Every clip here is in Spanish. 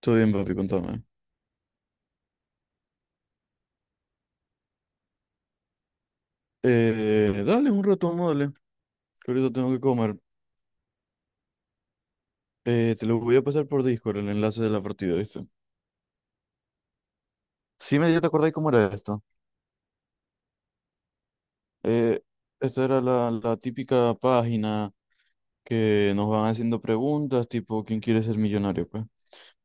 Todo bien, papi, contame. Dale un retomo, dale. Que ahorita tengo que comer. Te lo voy a pasar por Discord el enlace de la partida, ¿viste? Sí, me ya te acordáis cómo era esto. Eh, Esta era la típica página que nos van haciendo preguntas, tipo, ¿quién quiere ser millonario? Pues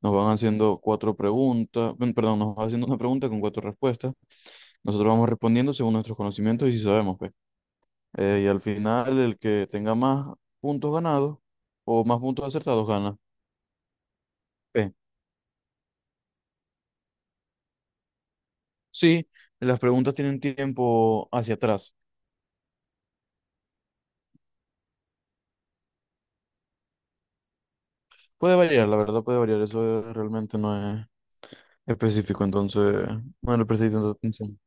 nos van haciendo 4 preguntas, perdón, nos van haciendo una pregunta con 4 respuestas. Nosotros vamos respondiendo según nuestros conocimientos y si sabemos, pues. Y al final, el que tenga más puntos ganados o más puntos acertados gana. Pues. Sí, las preguntas tienen tiempo hacia atrás. Puede variar, la verdad puede variar. Eso realmente no es específico, entonces no le presté tanta atención.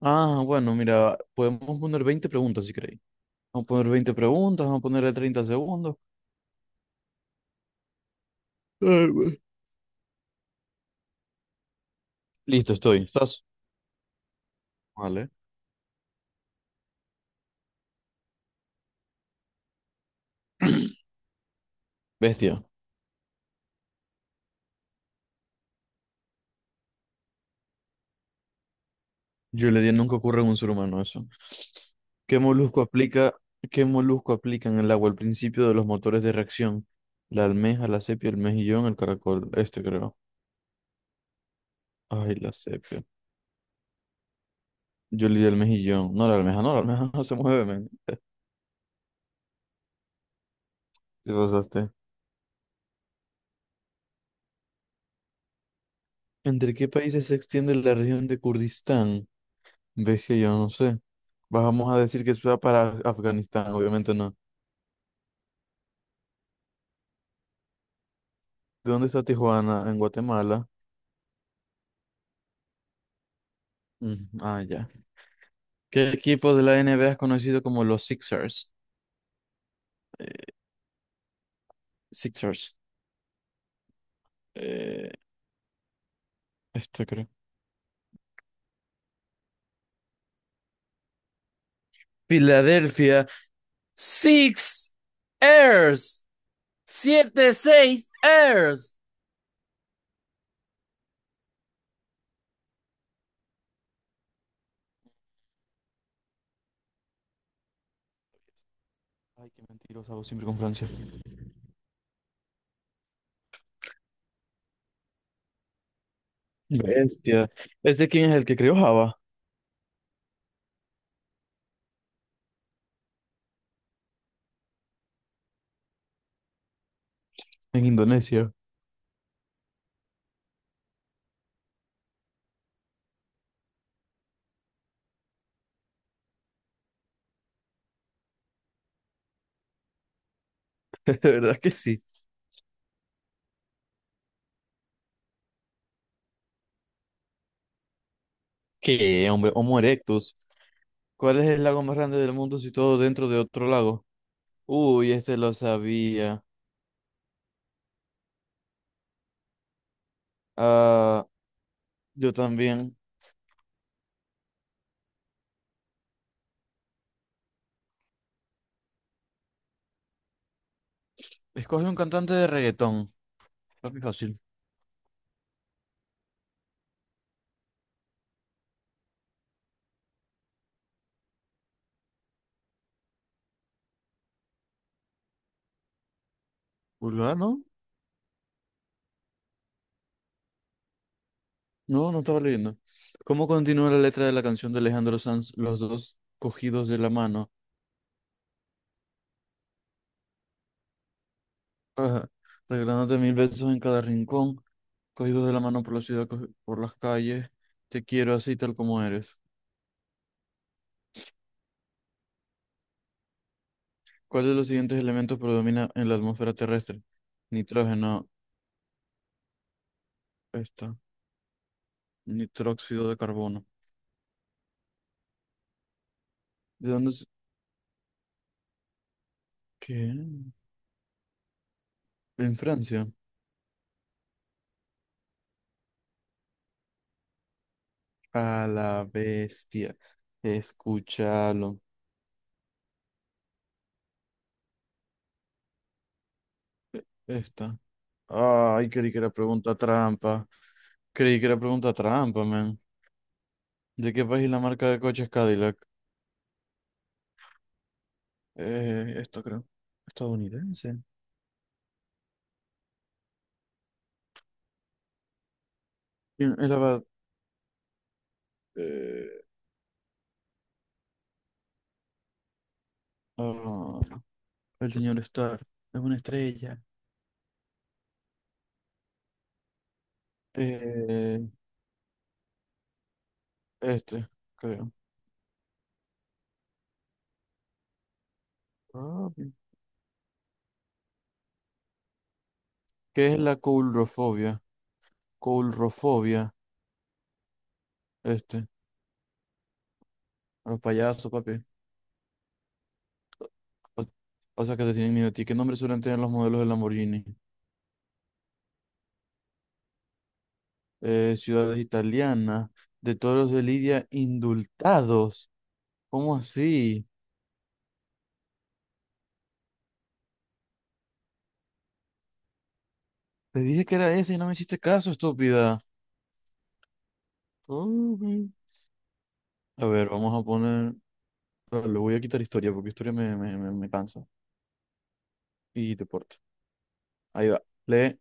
Ah, bueno, mira, podemos poner 20 preguntas si queréis. Vamos a poner 20 preguntas, vamos a ponerle 30 segundos. Ay, güey. Listo, estoy. ¿Estás? Vale. Bestia. Yo le di, nunca ocurre en un ser humano eso. ¿Qué molusco aplica, ¿Qué molusco aplica en el agua al principio de los motores de reacción? La almeja, la sepia, el mejillón, el caracol. Este creo. Ay, la sepia. Yo le di el mejillón. No, la almeja, no, la almeja no se mueve, men. Te pasaste. ¿Entre qué países se extiende la región de Kurdistán? Ves que yo no sé. Vamos a decir que sea para Afganistán, obviamente no. ¿De dónde está Tijuana? En Guatemala. Mm, ah, ya. ¿Qué equipo de la N. B. A es conocido como los Sixers? Sixers. Eh, Esto creo. Filadelfia. Six Airs. Siete, seis Airs. Ay, qué mentirosa vos siempre con Francia. Bestia. ¿Ese quién es el que creó Java? En Indonesia. De verdad que sí. ¿Qué, hombre? Homo erectus. ¿Cuál es el lago más grande del mundo situado dentro de otro lago? Uy, este lo sabía. Ah, yo también. Escoge un cantante de reggaetón. Papi, fácil. Vulgar, ¿no? No, no estaba leyendo. ¿Cómo continúa la letra de la canción de Alejandro Sanz, Los dos cogidos de la mano? Ajá. Regalándote mil besos en cada rincón, cogidos de la mano por la ciudad, por las calles, te quiero así tal como eres. ¿Cuál de los siguientes elementos predomina en la atmósfera terrestre? Nitrógeno, esta, nitróxido de carbono. ¿De dónde es? ¿Qué? En Francia. A la bestia. Escúchalo. Esta. Ay, creí que era pregunta trampa. Creí que era pregunta trampa, man. ¿De qué país la marca de coches Cadillac? Esto creo. Estadounidense. Bien, el, abad, eh, ah, el señor Starr es una estrella. Eh, este, creo. Ah, bien. ¿Qué es la coulrofobia? Coulrofobia. Este. A los payasos, papi. O, o sea que te tienen miedo a ti. ¿Qué nombre suelen tener los modelos de Lamborghini? Ciudades italianas. De toros de Lidia indultados. ¿Cómo así? Te dije que era ese y no me hiciste caso, estúpida. A ver, vamos a poner. Bueno, le voy a quitar historia porque historia me cansa. Y deporte. Ahí va. Le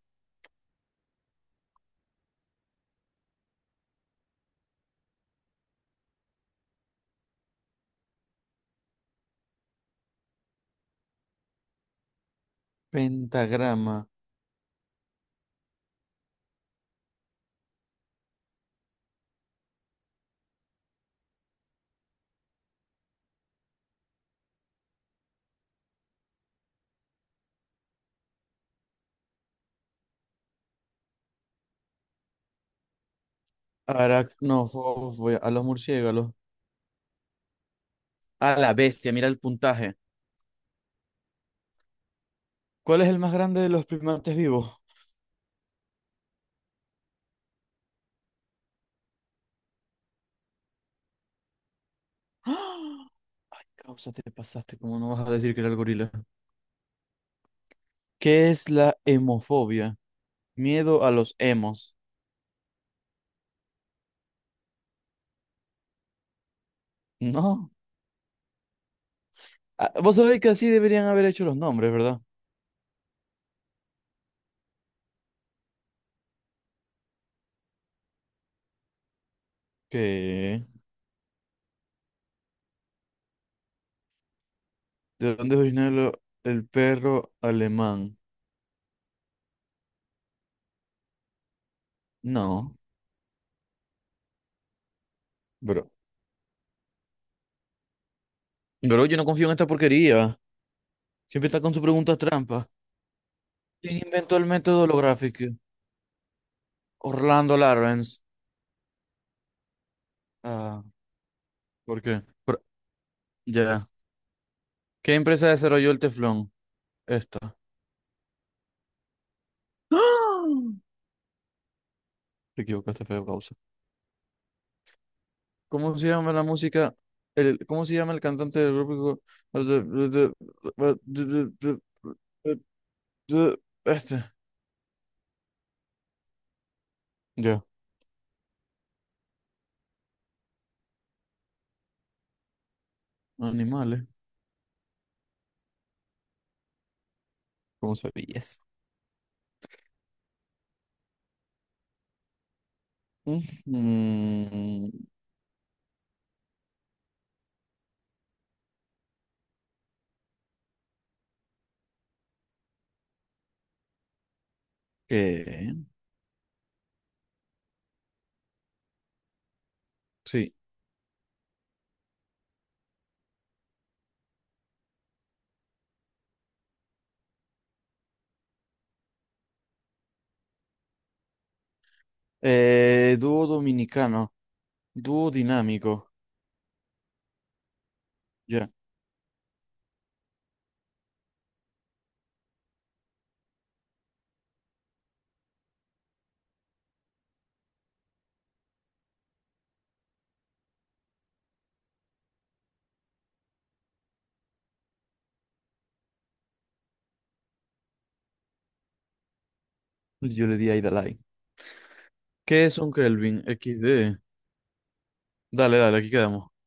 pentagrama. Aracnofobia. A los murciélagos. A la bestia. Mira el puntaje. ¿Cuál es el más grande de los primates vivos? ¡Ah! Ay, causa, te pasaste. ¿Cómo no vas a decir que era el gorila? ¿Qué es la hemofobia? Miedo a los hemos. No. Ah, vos sabés que así deberían haber hecho los nombres, ¿verdad? ¿Qué? ¿De dónde es originario el perro alemán? No. Bro, bro, yo no confío en esta porquería. Siempre está con sus preguntas trampa. ¿Quién inventó el método holográfico? Orlando Lawrence. Ah, ¿por qué? Por- ya. ¿Qué empresa desarrolló el teflón? Esta. ¡Ah! Te equivocaste, feo causa. ¿Cómo se llama la música? El, ¿cómo se llama el cantante del grupo? Este. Ya. Animales. ¿Cómo sabías? Ujú. ¿Qué? Sí. Eh, dúo dominicano, Dúo dinámico. Ya, yo le di a Idalai. ¿Qué es un Kelvin? XD. Dale, dale, aquí quedamos.